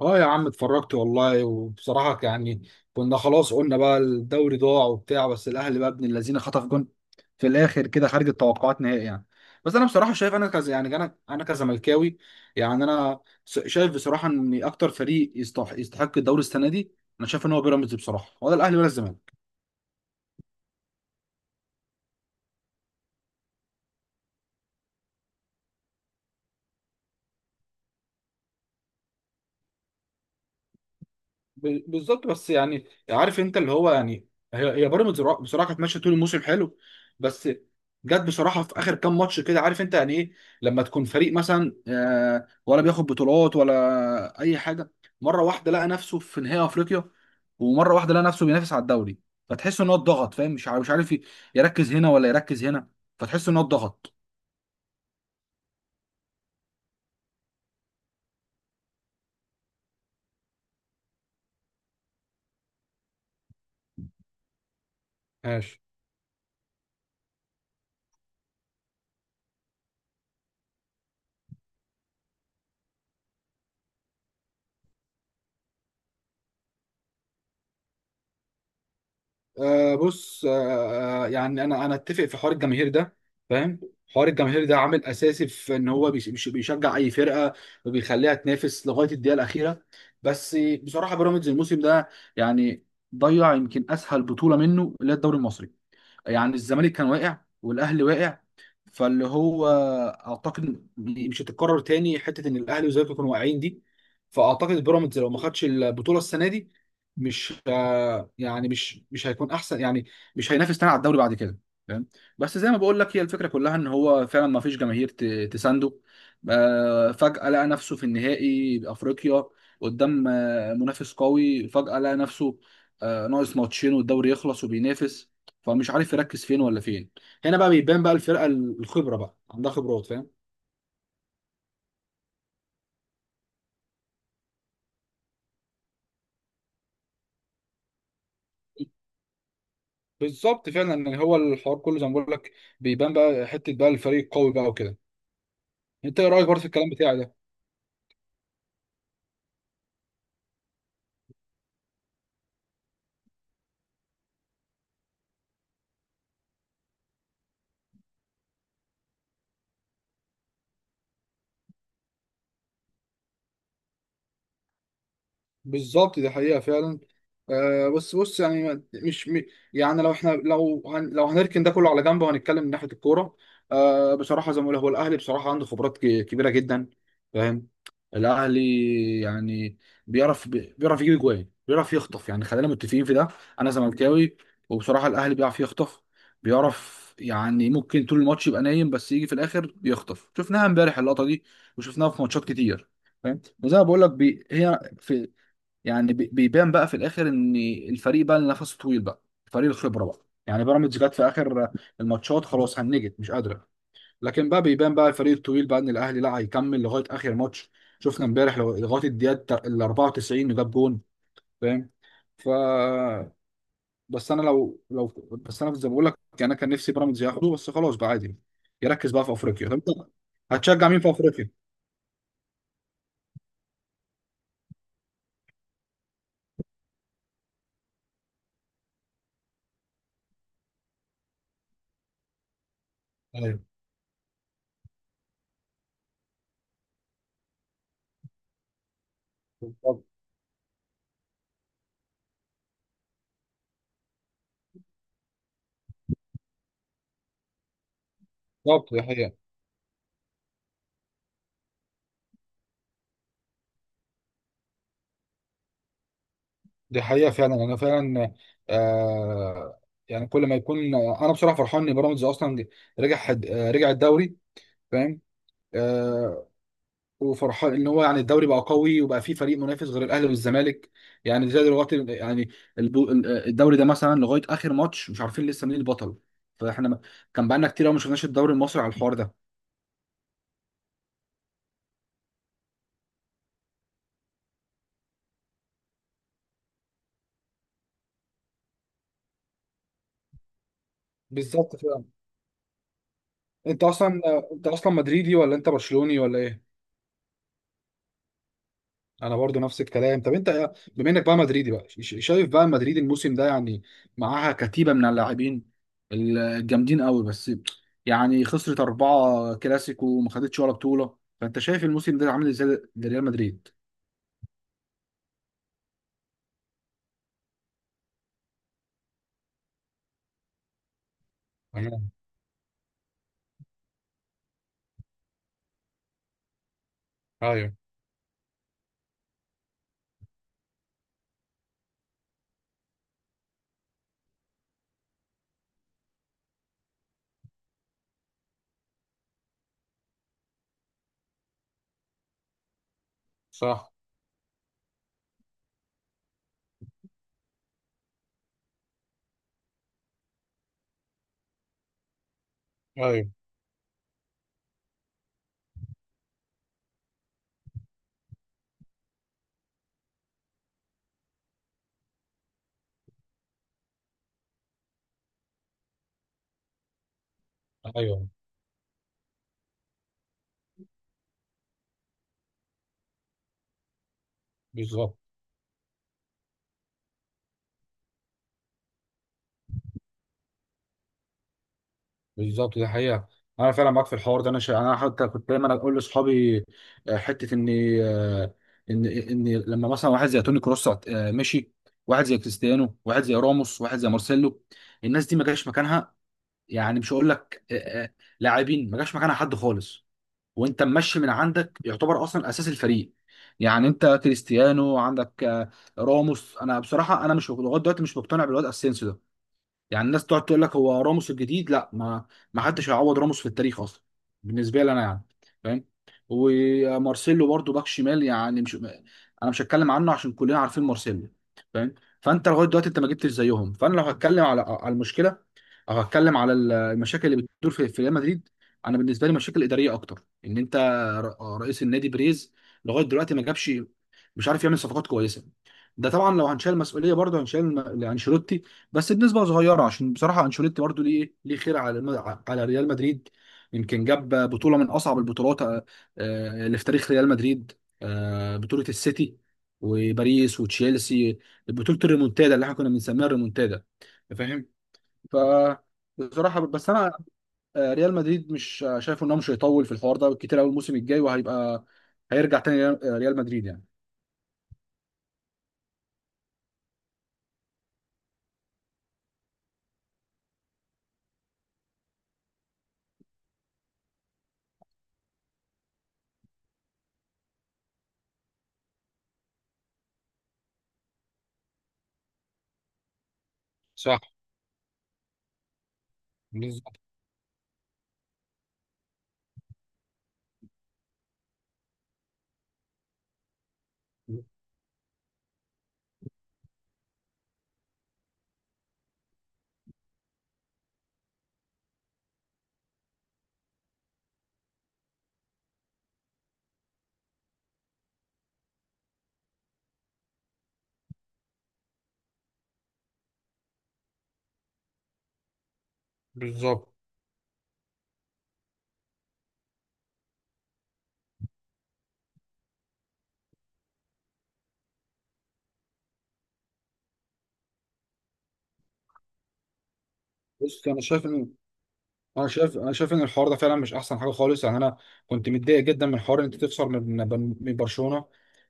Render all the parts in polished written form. اه يا عم، اتفرجت والله. وبصراحة يعني كنا خلاص قلنا بقى الدوري ضاع وبتاع، بس الأهلي بقى ابن الذين خطف جون في الآخر كده خارج التوقعات نهائي يعني. بس أنا بصراحة شايف، أنا كزملكاوي. يعني أنا شايف بصراحة إن أكتر فريق يستحق الدوري السنة دي. أنا شايف إن هو بيراميدز بصراحة، ولا الأهلي ولا الزمالك. بالظبط، بس يعني عارف انت اللي هو يعني هي بيراميدز بصراحه كانت ماشيه طول الموسم حلو. بس جت بصراحه في اخر كام ماتش كده، عارف انت يعني ايه. لما تكون فريق مثلا ولا بياخد بطولات ولا اي حاجه، مره واحده لقى نفسه في نهائي افريقيا، ومره واحده لقى نفسه بينافس على الدوري. فتحس ان هو اتضغط، فاهم، مش عارف يركز هنا ولا يركز هنا. فتحس ان هو اتضغط. ماشي. آه بص، يعني انا اتفق في حوار الجماهير ده، فاهم. حوار الجماهير ده عامل اساسي في ان هو بيشجع اي فرقه، وبيخليها تنافس لغايه الدقيقه الاخيره. بس بصراحه بيراميدز الموسم ده يعني ضيع يمكن اسهل بطوله منه اللي هي الدوري المصري. يعني الزمالك كان واقع والاهلي واقع. فاللي هو اعتقد مش هتتكرر تاني حته ان الاهلي والزمالك يكونوا واقعين دي. فاعتقد بيراميدز لو ما خدش البطوله السنه دي مش يعني مش هيكون احسن يعني. مش هينافس تاني على الدوري بعد كده، فاهم. بس زي ما بقول لك، هي الفكره كلها ان هو فعلا ما فيش جماهير تسانده. فجاه لقى نفسه في النهائي بافريقيا، قدام منافس قوي، فجاه لقى نفسه ناقص ماتشين والدوري يخلص وبينافس. فمش عارف يركز فين ولا فين. هنا بقى بيبان بقى الفرقه الخبره بقى عندها خبرات، فاهم. بالظبط فعلا، يعني هو الحوار كله زي ما بقول لك بيبان بقى حته بقى الفريق القوي بقى وكده. انت ايه رايك برضه في الكلام بتاعي ده؟ بالظبط، دي حقيقة فعلا. آه بس بص، يعني ما- مش م- يعني لو احنا لو هن لو هنركن ده كله على جنب، وهنتكلم من ناحية الكورة. آه بصراحة زي ما بقول هو الأهلي بصراحة عنده خبرات كبيرة جدا، فاهم. الأهلي يعني بيعرف يجيب جوان، بيعرف يخطف، يعني خلينا متفقين في ده. أنا زملكاوي، وبصراحة الأهلي بيعرف يخطف. بيعرف يعني ممكن طول الماتش يبقى نايم، بس يجي في الآخر يخطف، شفناها امبارح اللقطة دي، وشفناها في ماتشات كتير، فاهم. وزي ما بقول لك بي... هي في يعني بي- بيبان بقى في الاخر ان الفريق بقى اللي نفسه طويل بقى، فريق الخبره بقى. يعني بيراميدز جت في اخر الماتشات، خلاص هنجت مش قادره. لكن بقى بيبان بقى الفريق الطويل بقى ان الاهلي لا هيكمل لغايه اخر ماتش. شفنا امبارح لغايه الدقيقه ال 94 جاب جون، فاهم. ف بس انا لو لو بس انا زي ما بقول لك، انا كان نفسي بيراميدز ياخده، بس خلاص بقى عادي، يركز بقى في افريقيا. طب انت هتشجع مين في افريقيا؟ ايوه. بالظبط. بالظبط، دي حقيقة. دي حقيقة فعلا، أنا فعلا آه يعني كل ما يكون، أنا بصراحة فرحان إن بيراميدز أصلا رجع. رجع الدوري، فاهم، آه. وفرحان إن هو يعني الدوري بقى قوي، وبقى فيه فريق منافس غير الأهلي والزمالك. يعني زي دلوقتي يعني البو- الدوري ده مثلا لغاية آخر ماتش مش عارفين لسه مين البطل. فإحنا ما- كان بقالنا كتير أوي ما شفناش الدوري المصري على الحوار ده. بالظبط فعلا. أنت أصلا أنت أصلا مدريدي ولا أنت برشلوني ولا إيه؟ انا برضو نفس الكلام. طب انت بما انك بقى مدريدي بقى شايف بقى مدريد الموسم ده، يعني معاها كتيبة من اللاعبين الجامدين قوي، بس يعني خسرت أربعة كلاسيكو وما خدتش ولا بطولة، فانت شايف الموسم ده عامل ازاي لريال مدريد. مم. ايوه. صح. ايوه. ايوه. بالظبط. بالظبط، دي حقيقة. أنا فعلا معاك في الحوار ده، أنا أنا حتى كنت دايما أقول لأصحابي حتة إن، آه، إن لما مثلا واحد زي توني كروس مشي. واحد زي كريستيانو، واحد زي راموس، واحد زي مارسيلو، الناس دي ما جاش مكانها. يعني مش هقول لك آه، لاعبين ما جاش مكانها حد خالص. وأنت ممشي من عندك يعتبر أصلا أساس الفريق. يعني أنت كريستيانو عندك راموس. أنا بصراحة أنا مش لغاية دلوقتي مش مقتنع بالواد أسينسيو ده. يعني الناس تقعد تقول لك هو راموس الجديد، لا، ما حدش هيعوض راموس في التاريخ اصلا، بالنسبه لي انا يعني، فاهم. ومارسيلو برضو باك شمال، يعني مش، انا مش هتكلم عنه عشان كلنا عارفين مارسيلو، فاهم. فانت لغايه دلوقتي انت ما جبتش زيهم، فانا لو هتكلم على المشكله، او هتكلم على المشاكل اللي بتدور في ريال مدريد. انا بالنسبه لي مشاكل اداريه اكتر، ان انت رئيس النادي بريز لغايه دلوقتي ما جابش، مش عارف يعمل صفقات كويسه. ده طبعا لو هنشيل مسؤوليه، برضه هنشيل انشيلوتي، بس بنسبه صغيره عشان بصراحه انشيلوتي برضو ليه خير على على ريال مدريد. يمكن جاب بطوله من اصعب البطولات اللي في تاريخ ريال مدريد، بطوله السيتي وباريس وتشيلسي، بطوله الريمونتادا اللي احنا كنا بنسميها الريمونتادا، فاهم. ف بصراحه بس انا ريال مدريد مش شايف انه مش هيطول في الحوار ده كتير قوي الموسم الجاي، وهيبقى هيرجع تاني ريال مدريد يعني. صح. بالظبط. بالظبط. بص انا شايف ان الحوار ده فعلا مش احسن حاجه خالص، يعني انا كنت متضايق جدا من حوار ان انت تخسر من برشلونه،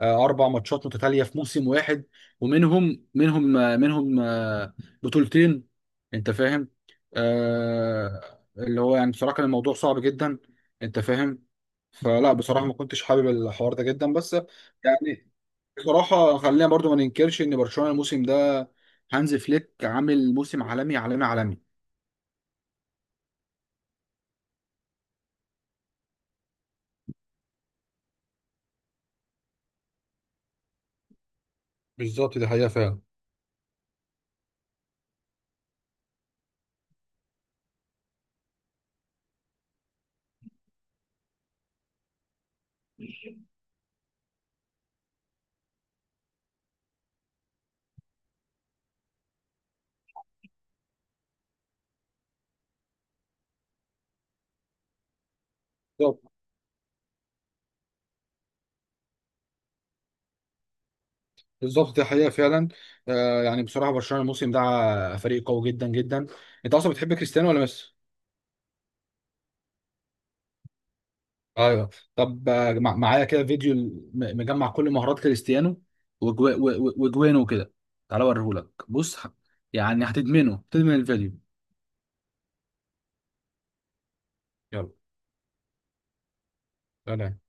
اربع ماتشات متتاليه في موسم واحد، ومنهم منهم آه، منهم آه، بطولتين. انت فاهم. آه، اللي هو يعني بصراحه كان الموضوع صعب جدا، انت فاهم. فلا بصراحه ما كنتش حابب الحوار ده جدا. بس يعني بصراحه خلينا برضو ما ننكرش ان برشلونه الموسم ده هانز فليك عامل موسم عالمي عالمي عالمي. بالظبط دي حقيقه فعلا. بالظبط دي حقيقة فعلا، يعني بصراحة برشلونة الموسم ده فريق قوي جدا جدا. انت اصلا بتحب كريستيانو ولا ميسي؟ ايوه. طب معايا كده فيديو مجمع كل مهارات كريستيانو وجوانه كده. تعالى اوريهولك، بص، يعني هتدمنه، تدمن الفيديو. يلا. سلام.